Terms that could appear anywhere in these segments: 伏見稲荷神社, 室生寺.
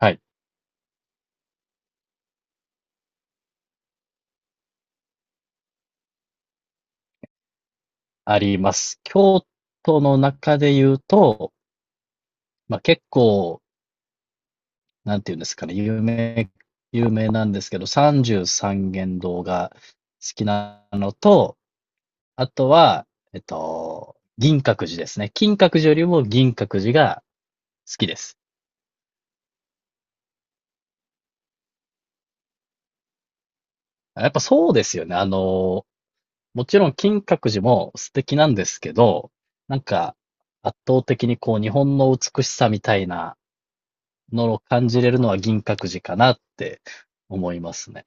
はい、あります。京都の中で言うと、結構、なんていうんですかね、有名なんですけど、三十三間堂が好きなのと、あとは、銀閣寺ですね。金閣寺よりも銀閣寺が好きです。やっぱそうですよね。もちろん金閣寺も素敵なんですけど、なんか圧倒的にこう日本の美しさみたいなのを感じれるのは銀閣寺かなって思いますね。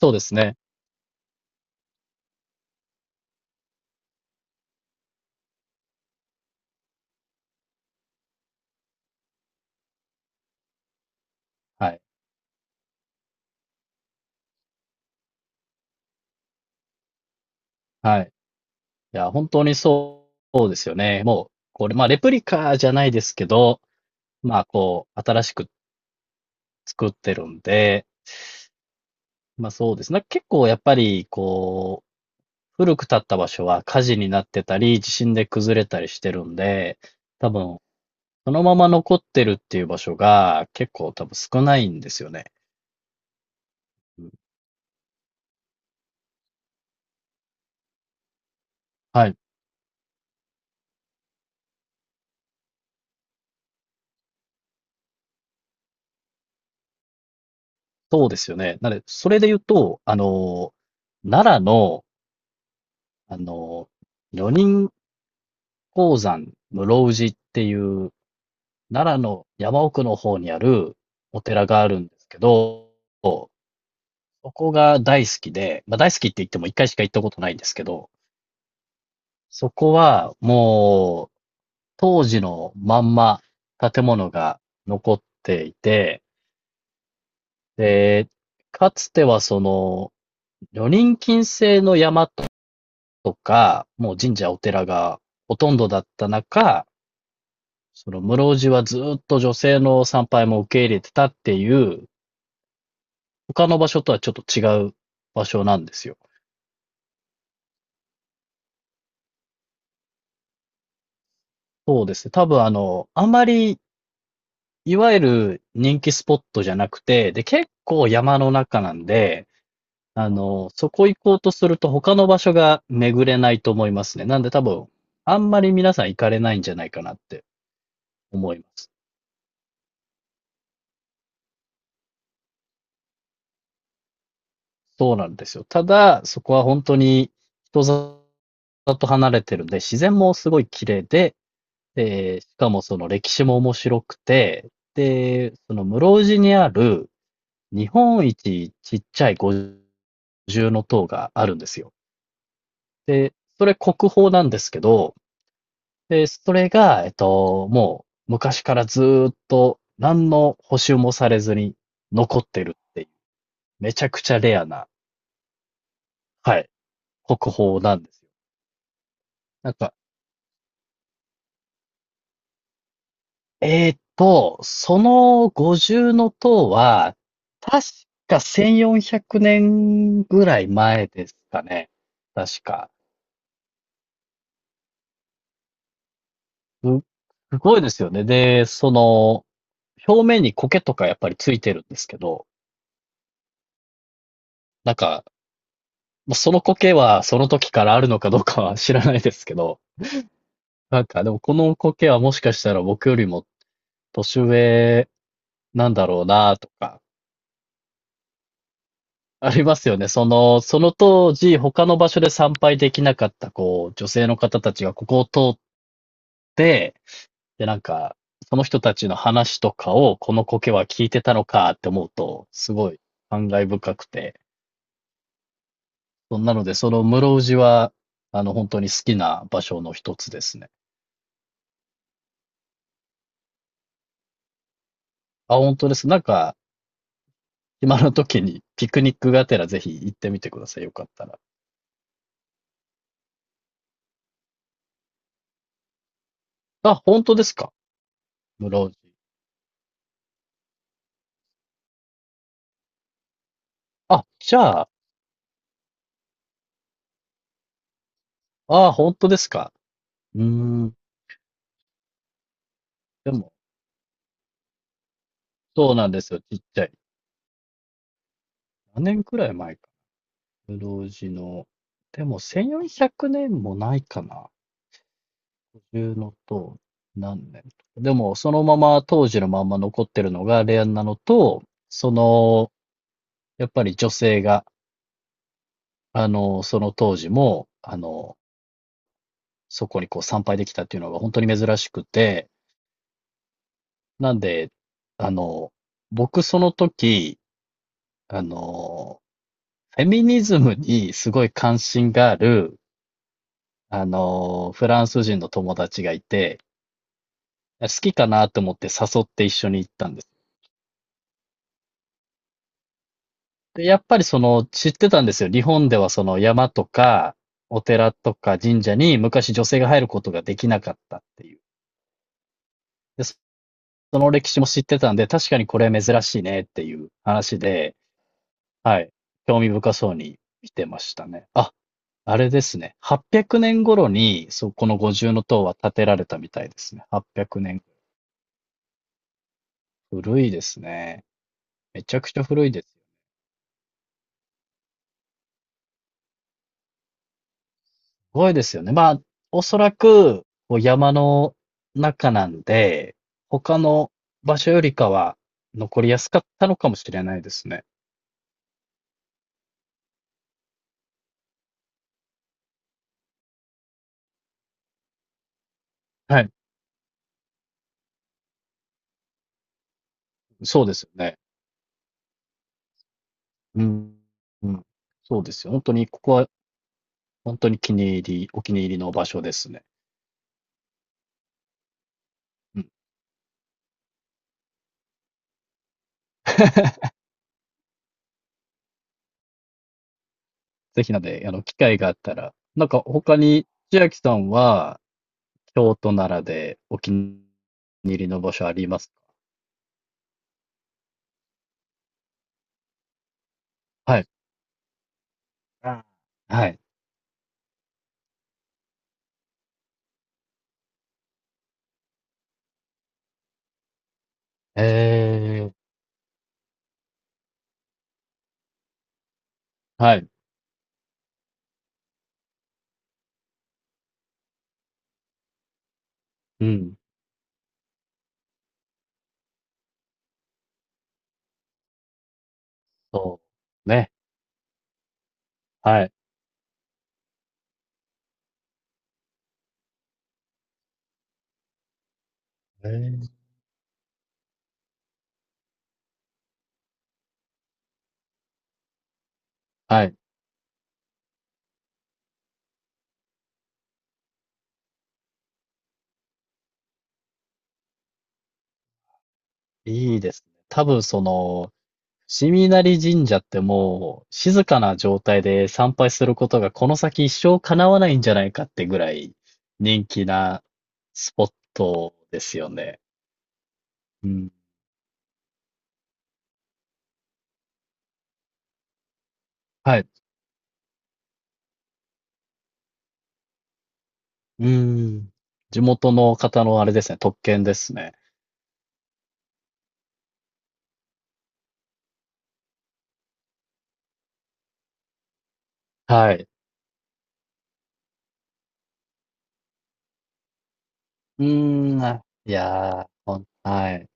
そうですね。はい。はい。いや、本当にそうそうですよね。もう、これ、まあ、レプリカじゃないですけど、まあ、こう、新しく作ってるんで、まあ、そうですね。結構やっぱり、こう、古く建った場所は火事になってたり、地震で崩れたりしてるんで、多分、そのまま残ってるっていう場所が結構多分少ないんですよね。うんはい。そうですよね。なので、それで言うと、奈良の、あの、女人鉱山室生寺っていう、奈良の山奥の方にあるお寺があるんですけど、そこが大好きで、まあ、大好きって言っても一回しか行ったことないんですけど、そこはもう当時のまんま建物が残っていて、で、かつてはその女人禁制の山っとか、もう神社お寺がほとんどだった中、その室生寺はずーっと女性の参拝も受け入れてたっていう、他の場所とはちょっと違う場所なんですよ。そうですね。多分あんまり、いわゆる人気スポットじゃなくて、で、結構山の中なんで、そこ行こうとすると他の場所が巡れないと思いますね。なんで多分、あんまり皆さん行かれないんじゃないかなって思います。そうなんですよ。ただ、そこは本当に人里と離れてるんで、自然もすごい綺麗で、しかもその歴史も面白くて、で、その室生寺にある日本一ちっちゃい五重の塔があるんですよ。で、それ国宝なんですけど、で、それが、もう昔からずーっと何の補修もされずに残ってるっていう、めちゃくちゃレアな、はい、国宝なんですよ。なんか、その50の塔は、確か1400年ぐらい前ですかね。確か。す、すごいですよね。で、その、表面に苔とかやっぱりついてるんですけど、なんか、まあその苔はその時からあるのかどうかは知らないですけど、なんかでもこの苔はもしかしたら僕よりも年上なんだろうなとか、ありますよね。その当時、他の場所で参拝できなかった、こう、女性の方たちがここを通って、で、なんか、その人たちの話とかを、この苔は聞いてたのかって思うと、すごい感慨深くて。そんなので、その室生寺は、本当に好きな場所の一つですね。あ、本当です。なんか、今の時にピクニックがてらぜひ行ってみてください。よかったら。あ、本当ですか？室生寺。あ、じゃあ、あ、本当ですか？うーん。でも、そうなんですよ、ちっちゃい。何年くらい前か。室生寺の、でも1400年もないかな。いうのと、何年とか。でも、そのまま、当時のまんま残ってるのがレアなのと、その、やっぱり女性が、その当時も、そこにこう参拝できたっていうのが本当に珍しくて、なんで、あの、僕その時、あの、フェミニズムにすごい関心がある、フランス人の友達がいて、好きかなと思って誘って一緒に行ったんです。で、やっぱり知ってたんですよ。日本ではその山とか、お寺とか神社に昔女性が入ることができなかったっていう。で、その歴史も知ってたんで、確かにこれ珍しいねっていう話で、はい。興味深そうに見てましたね。あ、あれですね。800年頃に、そう、この五重塔は建てられたみたいですね。800年。古いですね。めちゃくちゃ古いです。ごいですよね。まあ、おそらく、こう山の中なんで、他の場所よりかは残りやすかったのかもしれないですね。はい。そうですよね。うん。うん。そうですよ。本当に、ここは本当に気に入りお気に入りの場所ですね。うん。ぜひなんで、機会があったら、なんか他に千秋さんは、京都、ならでお気に入りの場所ありますか？はい。あーはい。ええ、はい。うん。そう、ね、はい。えーはい、いいですね。多分伏見稲荷神社ってもう、静かな状態で参拝することがこの先一生叶わないんじゃないかってぐらい、人気なスポットですよね。うん。はい。うん。地元の方のあれですね、特権ですね。はい。うーん、あ、いやー、ほんはい。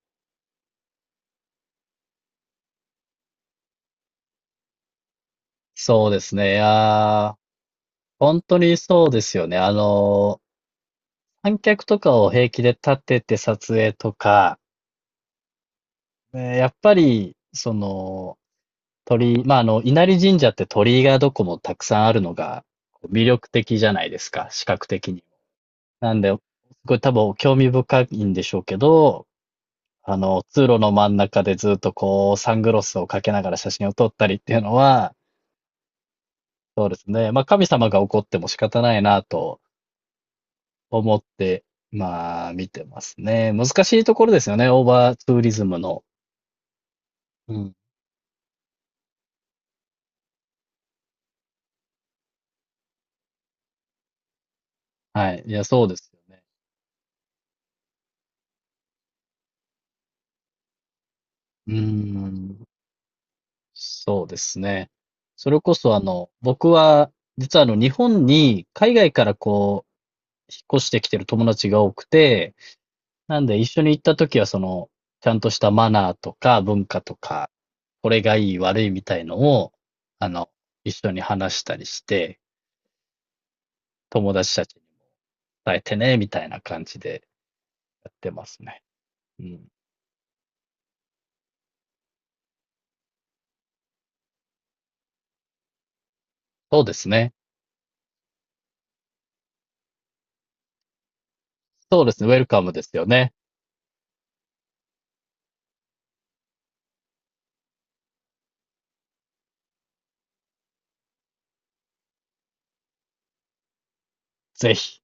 そうですね、いやー、ほんにそうですよね。あの観客とかを平気で立てて撮影とか、やっぱり、鳥居、まあ、稲荷神社って鳥居がどこもたくさんあるのがこう魅力的じゃないですか、視覚的に。なんで、すごい多分興味深いんでしょうけど、通路の真ん中でずっとこう、サングラスをかけながら写真を撮ったりっていうのは、そうですね。まあ、神様が怒っても仕方ないなと思って、まあ、見てますね。難しいところですよね、オーバーツーリズムの。うんはい。いや、そうですよね。うーん。そうですね。それこそ僕は、実は日本に海外からこう、引っ越してきてる友達が多くて、なんで一緒に行った時はちゃんとしたマナーとか文化とか、これがいい悪いみたいのを、あの、一緒に話したりして、友達たちに伝えてね、みたいな感じでやってますね。うん。そうですね。そうですね。ウェルカムですよね。ぜひ。